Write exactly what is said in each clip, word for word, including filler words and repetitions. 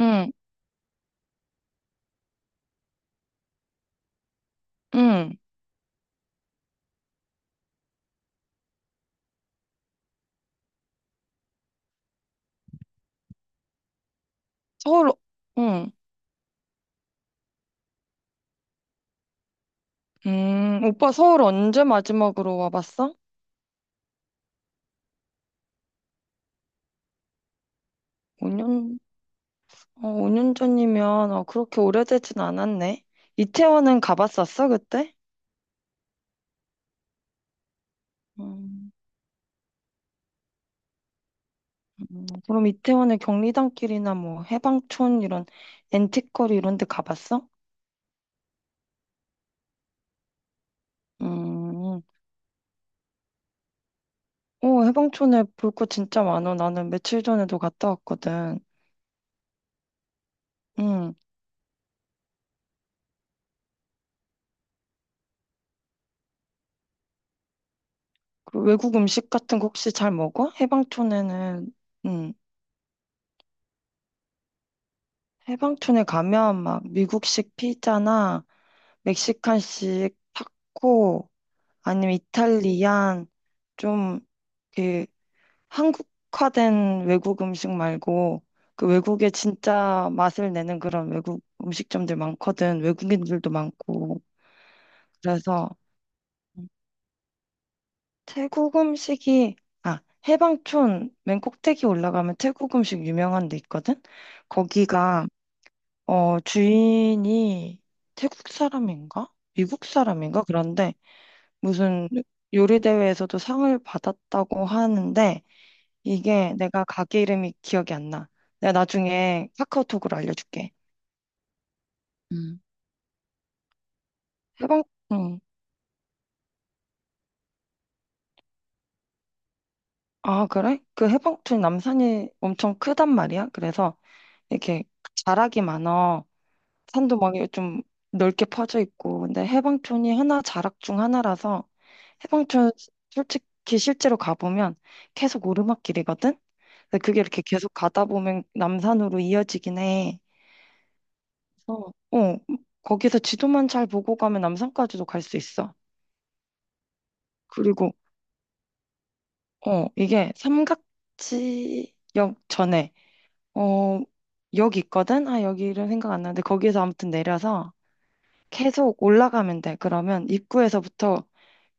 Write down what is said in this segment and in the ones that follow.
응, 응. 서울, 응. 음, 오빠 서울 언제 마지막으로 와봤어? 오 년, 어, 오 년 전이면, 어, 그렇게 오래되진 않았네. 이태원은 가봤었어, 그때? 음, 음, 그럼 이태원의 경리단길이나 뭐, 해방촌 이런, 앤틱거리 이런 데 가봤어? 음, 어, 해방촌에 볼 거 진짜 많아. 나는 며칠 전에도 갔다 왔거든. 음, 그 외국 음식 같은 거 혹시 잘 먹어? 해방촌에는, 응. 해방촌에 가면 막 미국식 피자나 멕시칸식 타코 아니면 이탈리안 좀 그 한국화된 외국 음식 말고 그 외국의 진짜 맛을 내는 그런 외국 음식점들 많거든. 외국인들도 많고. 그래서 태국 음식이 아, 해방촌 맨 꼭대기 올라가면 태국 음식 유명한 데 있거든. 거기가 어, 주인이 태국 사람인가? 미국 사람인가? 그런데 무슨 요리 대회에서도 상을 받았다고 하는데 이게 내가 가게 이름이 기억이 안 나. 내가 나중에 카카오톡으로 알려줄게. 음. 해방, 응. 아, 그래? 그 해방촌 남산이 엄청 크단 말이야. 그래서 이렇게 자락이 많아. 산도 막 좀 넓게 퍼져 있고 근데 해방촌이 하나 자락 중 하나라서 해방촌 솔직히 실제로 가보면 계속 오르막길이거든. 근데 그게 이렇게 계속 가다 보면 남산으로 이어지긴 해. 그래서 어 거기서 지도만 잘 보고 가면 남산까지도 갈 수 있어. 그리고 어 이게 삼각지역 전에 어 역 있거든. 아 여기 이름 생각 안 나는데 거기에서 아무튼 내려서 계속 올라가면 돼. 그러면 입구에서부터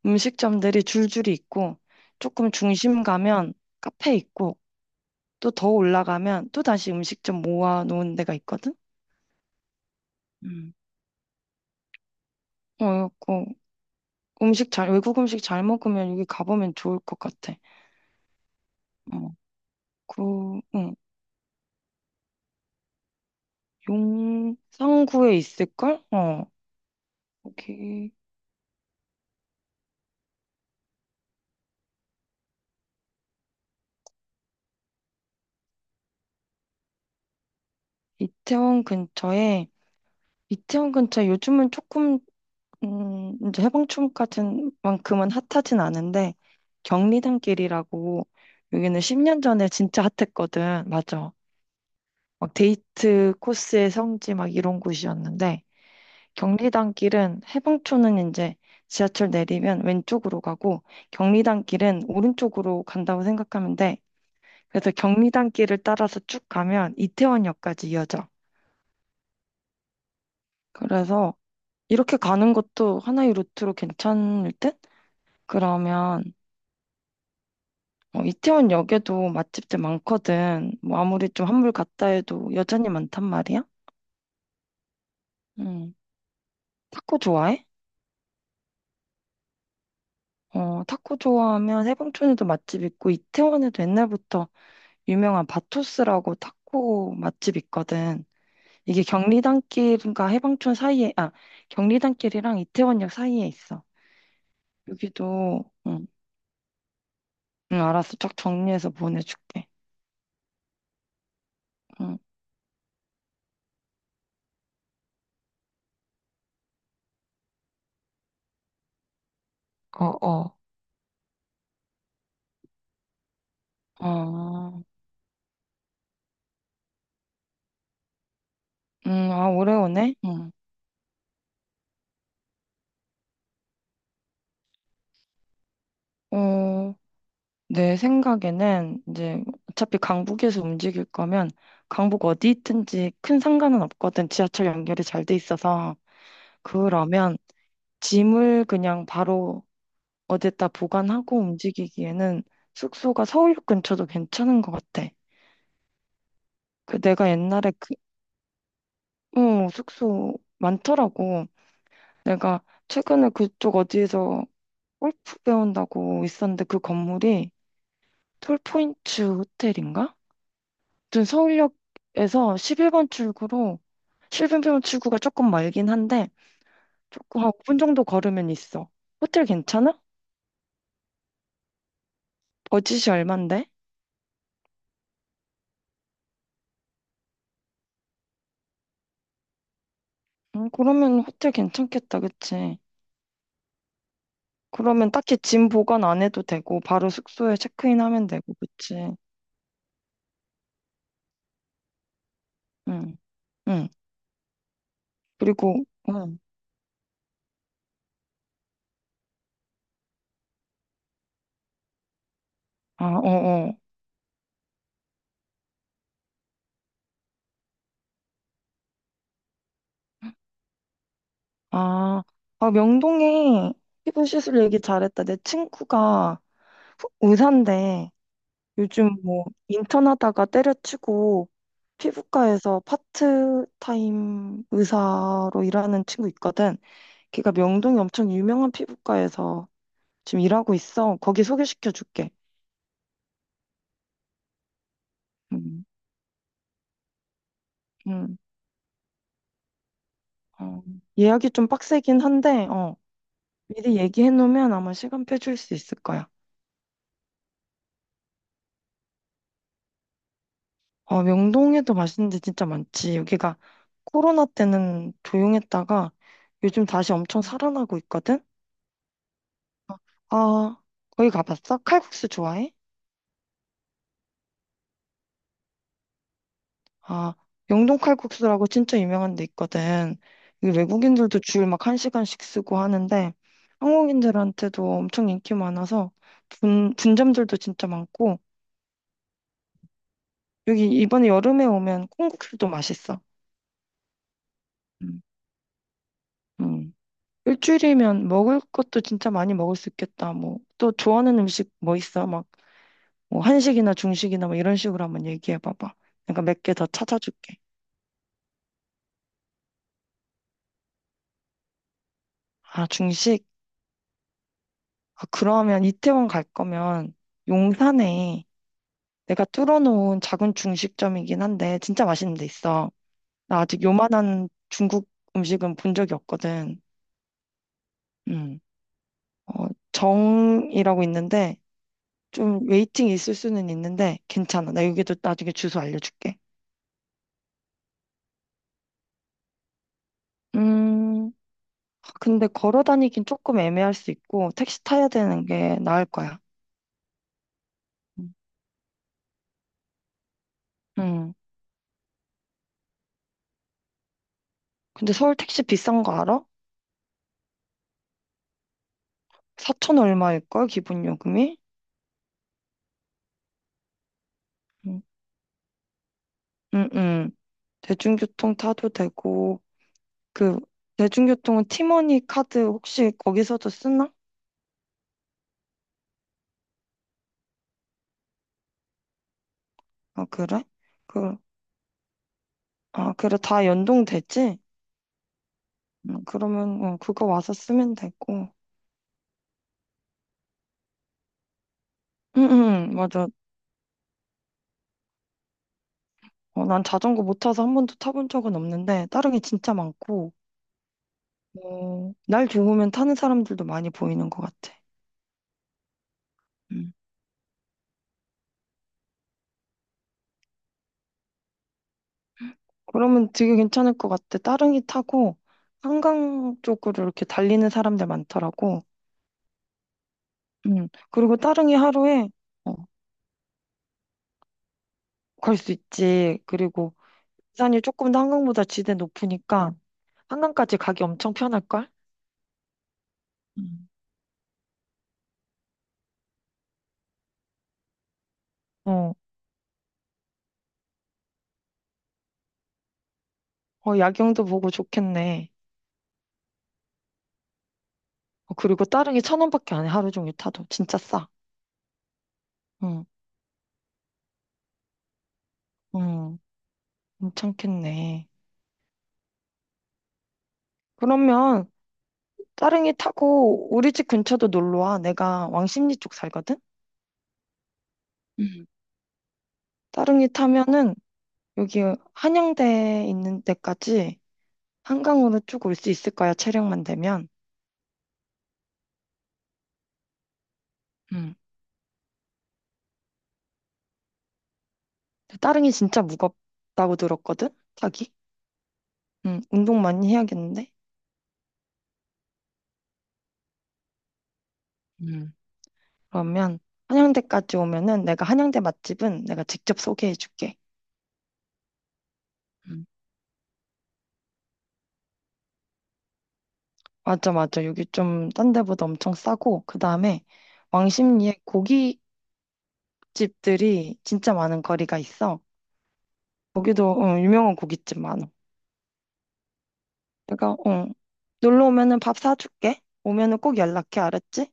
음식점들이 줄줄이 있고 조금 중심 가면 카페 있고 또 더 올라가면 또 다시 음식점 모아놓은 데가 있거든. 음. 어, 그 음식 잘 외국 음식 잘 먹으면 여기 가보면 좋을 것 같아. 어, 그 응. 용산구에 있을걸? 어, 여기 이태원 근처에 이태원 근처에 요즘은 조금 음, 이제 해방촌 같은 만큼은 핫하진 않은데 경리단길이라고 여기는 십 년 전에 진짜 핫했거든. 맞아. 막 데이트 코스의 성지 막 이런 곳이었는데 경리단길은 해방촌은 이제 지하철 내리면 왼쪽으로 가고 경리단길은 오른쪽으로 간다고 생각하면 돼. 그래서 경리단길을 따라서 쭉 가면 이태원역까지 이어져. 그래서 이렇게 가는 것도 하나의 루트로 괜찮을 듯? 그러면 어, 이태원 역에도 맛집들 많거든. 뭐 아무리 좀 한물 갔다 해도 여전히 많단 말이야. 음. 타코 좋아해? 어, 타코 좋아하면 세봉촌에도 맛집 있고 이태원에도 옛날부터 유명한 바토스라고 타코 맛집 있거든. 이게 경리단길과 해방촌 사이에, 아, 경리단길이랑 이태원역 사이에 있어. 여기도, 응, 응, 알았어. 쫙 정리해서 보내줄게. 응. 어, 어. 아, 음, 아, 오래 오네? 응. 어, 내 생각에는 이제 어차피 강북에서 움직일 거면 강북 어디 있든지 큰 상관은 없거든. 지하철 연결이 잘 돼 있어서. 그러면 짐을 그냥 바로 어디다 보관하고 움직이기에는 숙소가 서울역 근처도 괜찮은 것 같아. 그 내가 옛날에 그, 어, 숙소 많더라고. 내가 최근에 그쪽 어디에서 골프 배운다고 있었는데 그 건물이 톨포인트 호텔인가? 아무튼 서울역에서 십일 번 출구로 십일 번 출구가 조금 멀긴 한데 조금 한 오 분 정도 걸으면 있어. 호텔 괜찮아? 버짓이 얼만데? 음, 그러면 호텔 괜찮겠다, 그치? 그러면 딱히 짐 보관 안 해도 되고 바로 숙소에 체크인 하면 되고, 그치? 응, 응. 그리고 응. 아, 어, 어. 아, 아 명동에 피부 시술 얘기 잘했다. 내 친구가 의사인데 요즘 뭐 인턴 하다가 때려치고 피부과에서 파트타임 의사로 일하는 친구 있거든. 걔가 명동이 엄청 유명한 피부과에서 지금 일하고 있어. 거기 소개시켜 줄게. 음, 음, 어. 예약이 좀 빡세긴 한데, 어, 미리 얘기해 놓으면 아마 시간표 줄 수 있을 거야. 어, 명동에도 맛있는 데 진짜 많지. 여기가 코로나 때는 조용했다가 요즘 다시 엄청 살아나고 있거든. 아, 거기 가봤어? 칼국수 좋아해? 아, 영동 칼국수라고 진짜 유명한 데 있거든. 이게 외국인들도 주일 막 한 시간씩 쓰고 하는데 한국인들한테도 엄청 인기 많아서 분, 분점들도 진짜 많고 여기 이번에 여름에 오면 콩국수도 맛있어. 음, 음. 일주일이면 먹을 것도 진짜 많이 먹을 수 있겠다. 뭐 또 좋아하는 음식 뭐 있어? 막 뭐 한식이나 중식이나 뭐 이런 식으로 한번 얘기해 봐봐. 내가 몇 개 더 찾아줄게. 아, 중식? 아, 그러면 이태원 갈 거면 용산에 내가 뚫어놓은 작은 중식점이긴 한데 진짜 맛있는 데 있어. 나 아직 요만한 중국 음식은 본 적이 없거든. 음. 어, 정이라고 있는데 좀 웨이팅이 있을 수는 있는데 괜찮아. 나 여기도 나중에 주소 알려줄게. 음. 근데 걸어 다니긴 조금 애매할 수 있고 택시 타야 되는 게 나을 거야. 음. 음. 근데 서울 택시 비싼 거 알아? 사천 얼마일걸 기본 요금이? 응응응. 대중교통 타도 되고 그 대중교통은 티머니 카드 혹시 거기서도 쓰나? 아 그래? 그, 아 그래 다 연동되지? 음, 그러면 어, 그거 와서 쓰면 되고. 응응 맞아. 어, 난 자전거 못 타서 한 번도 타본 적은 없는데 다른 게 진짜 많고 어, 날 좋으면 타는 사람들도 많이 보이는 것 같아. 음. 그러면 되게 괜찮을 것 같아. 따릉이 타고 한강 쪽으로 이렇게 달리는 사람들 많더라고. 음. 그리고 따릉이 하루에 어, 걸 수 있지. 그리고 부산이 조금 더 한강보다 지대 높으니까 한강까지 가기 엄청 편할걸? 음. 어, 어, 야경도 보고 좋겠네. 어, 그리고 다른 게 천 원밖에 안 해, 하루 종일 타도. 진짜 싸. 응, 응, 괜찮겠네. 그러면 따릉이 타고 우리 집 근처도 놀러 와. 내가 왕십리 쪽 살거든? 음. 따릉이 타면은 여기 한양대 있는 데까지 한강으로 쭉 올 수 있을 거야, 체력만 되면. 응. 따릉이 진짜 무겁다고 들었거든? 타기? 음, 운동 많이 해야겠는데? 음, 그러면 한양대까지 오면은 내가 한양대 맛집은 내가 직접 소개해 줄게. 음. 맞아, 맞아. 여기 좀 딴 데보다 엄청 싸고, 그 다음에 왕십리에 고깃집들이 진짜 많은 거리가 있어. 거기도 어, 유명한 고깃집 많아. 내가 어, 놀러 오면은 밥 사줄게. 오면은 꼭 연락해, 알았지?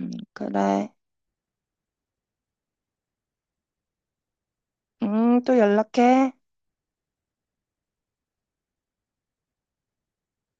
음, 그래. 음, 또 연락해.